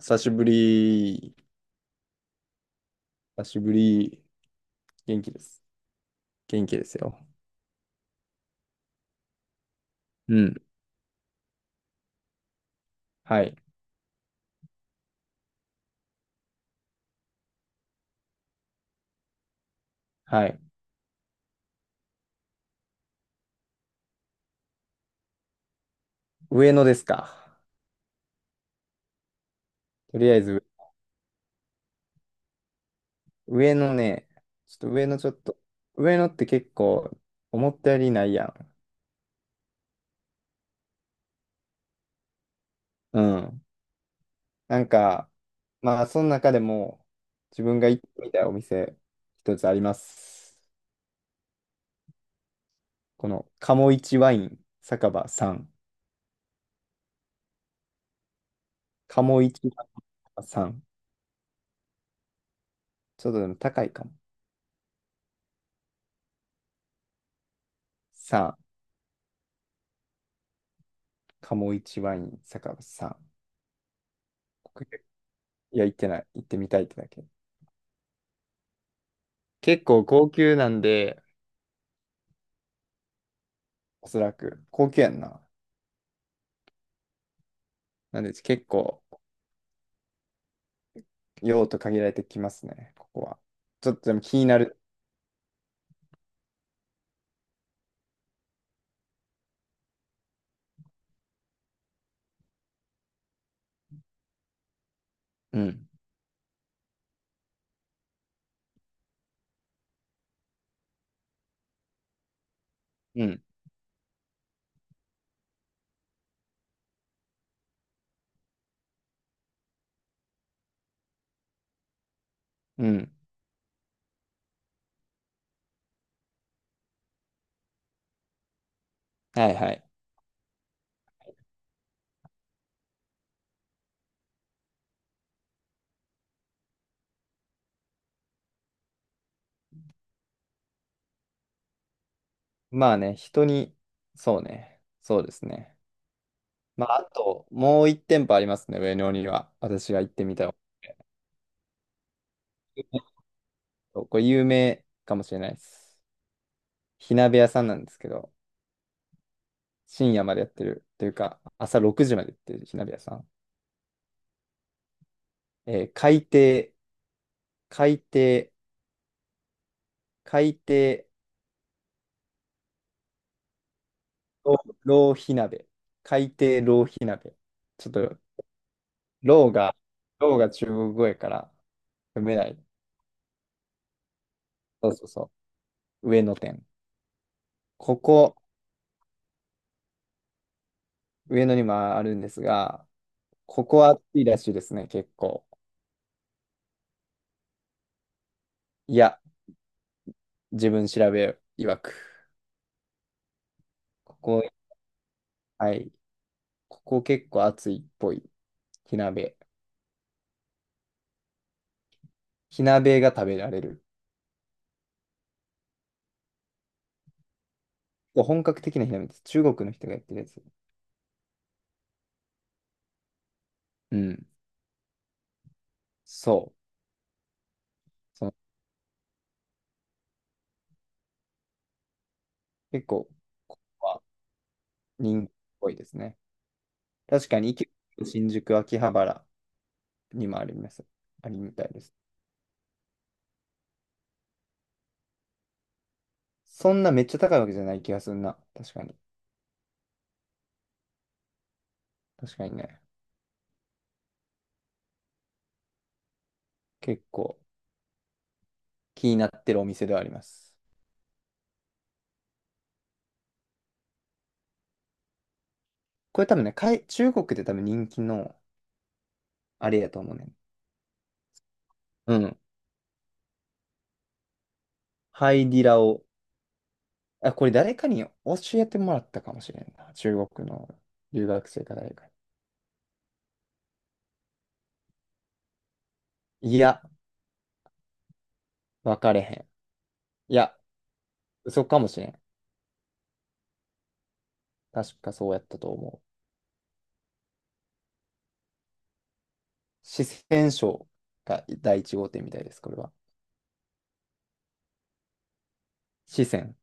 久しぶり。久しぶり。元気です。元気ですよ。うん。はい。はい。上野ですか。とりあえず、上野ね、ちょっと上野ちょっと、上野って結構思ったよりないやん。うん。なんか、まあ、その中でも、自分が行ってみたいお店、一つあります。この、鴨一ワイン酒場さん。鴨一ワイン酒場さん。ちょっとでも高いかも。さん。鴨一ワイン酒場さん。いや、行ってない。行ってみたいってだけ。結構高級なんで、おそらく。高級やんな。なんで結構用途限られてきますね、ここは。ちょっとでも気になる。うん。うん。うん。はいはい。まあね、人に、そうね。そうですね。まあ、あと、もう一店舗ありますね、上野には。私が行ってみたい。これ有名かもしれないです。火鍋屋さんなんですけど、深夜までやってる。というか、朝6時までやってる火鍋屋さん。えー海底、海底海底浪費鍋。海底浪費鍋。ちょっと、浪が、浪が中国語やから読めない。そうそうそう。上野店。ここ、上野にもあるんですが、ここは暑いらしいですね、結構。いや、自分調べ曰く。ここ、はい。ここ結構暑いっぽい。火鍋。火鍋が食べられる。本格的な火鍋です。中国の人がやってるやつ。うん。そう。その結構、ここは人気っぽいですね。確かに、新宿、秋葉原にもあります。ありみたいです。そんなめっちゃ高いわけじゃない気がするな。確かに。確かにね。結構気になってるお店ではあります。これ多分ね、中国で多分人気のあれやと思うね。うん。ハイディラを。あ、これ誰かに教えてもらったかもしれんな。中国の留学生か誰かに。いや、分かれへん。いや、嘘かもしれん。確かそうやったと思う。四川省が第一号店みたいです、これは。四川。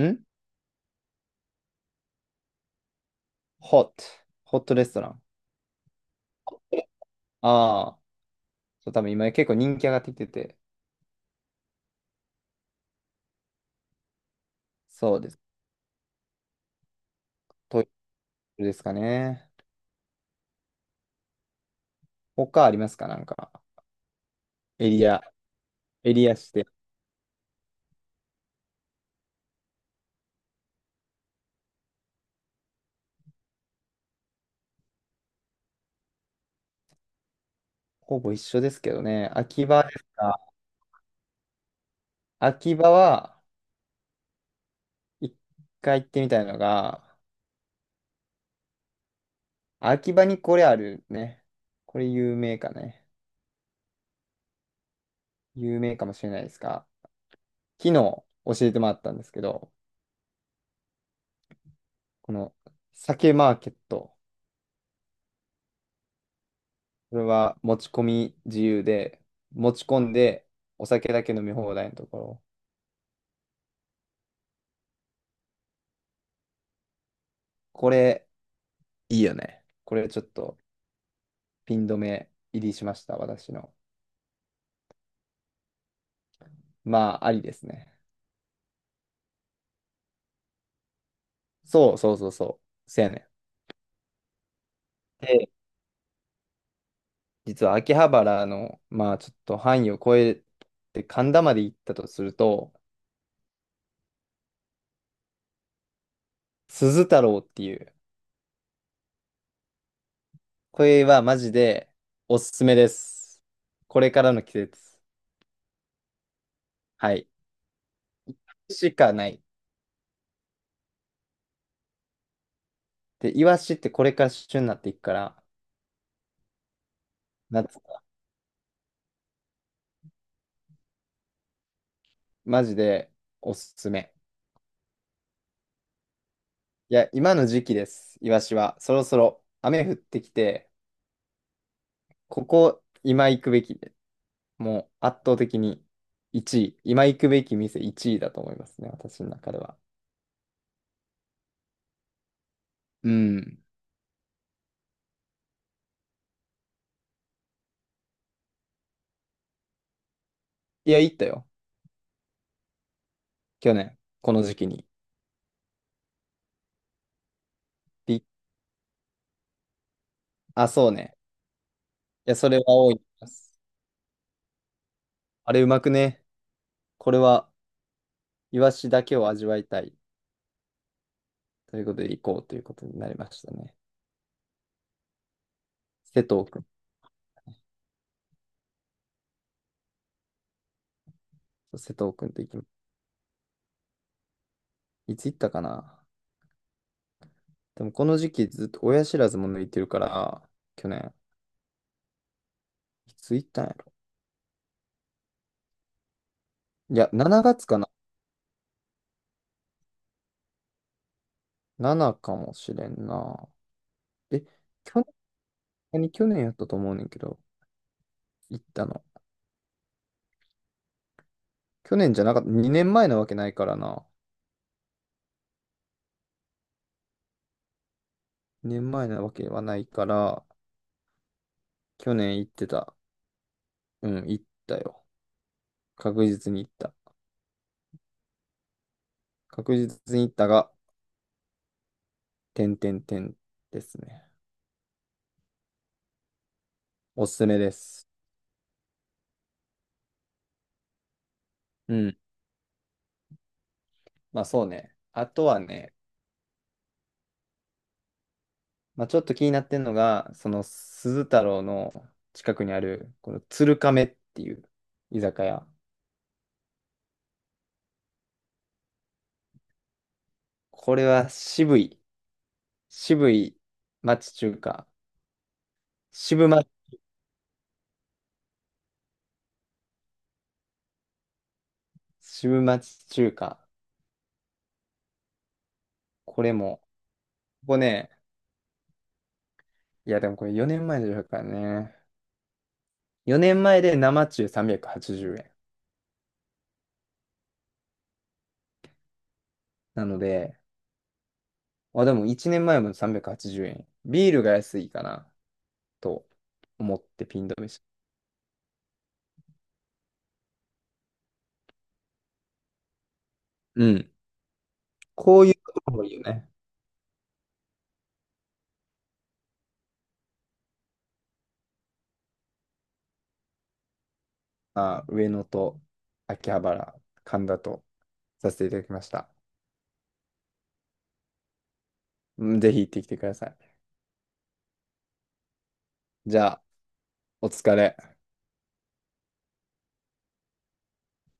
んホット。ホットレストラン。ああ、そう、多分今結構人気上がってきてて、そうです。トイレですかね。他ありますかなんか、エリア、エリアして、ほぼ一緒ですけどね。秋葉ですか秋葉は、一回行ってみたいのが、秋葉にこれあるね。これ有名かね。有名かもしれないですが、昨日教えてもらったんですけど、この酒マーケット、これは持ち込み自由で、持ち込んでお酒だけ飲み放題のところ、これいいよね。これちょっとピン止め入りしました、私の。まあ、ありですね。そうそうそうそう、せやねん。で、実は秋葉原の、まあちょっと範囲を超えて神田まで行ったとすると、鈴太郎っていう、これはマジでおすすめです。これからの季節。はい。しかない。で、イワシってこれから旬になっていくから、夏、マジでおすすめ。いや、今の時期です、イワシは。そろそろ雨降ってきて、ここ、今行くべきで、もう圧倒的に1位、今行くべき店1位だと思いますね、私の中では。うん。いや、行ったよ、去年、この時期に。びあ、そうね。いや、それは多いです。あれ、うまくね。これは、イワシだけを味わいたい。ということで、行こうということになりましたね。瀬戸君瀬戸君と行き、いつ行ったかな。でもこの時期ずっと親知らずも抜いてるから、去年、いつ行ったんやろ。いや、7月かな ?7 かもしれんな。え、去年、何去年やったと思うねんけど、行ったの。去年じゃなかった、2年前なわけないからな。2年前なわけはないから、去年行ってた。うん、行ったよ。確実に行った。確実に行ったが、点々点ですね。おすすめです。うん。まあそうね。あとはね、まあ、ちょっと気になってんのが、その鈴太郎の近くにある、この鶴亀っていう居酒屋。これは渋い、渋い町中華。渋ま、渋町中華。これも、ここね、いやでもこれ4年前の予からね。4年前で生中380円。なので、あ、でも1年前も380円。ビールが安いかな、と思ってピン止めした。うん。こういうところもいいよね。あ、上野と秋葉原、神田とさせていただきました。うん、ぜひ行ってきてください。じゃあ、お疲れ。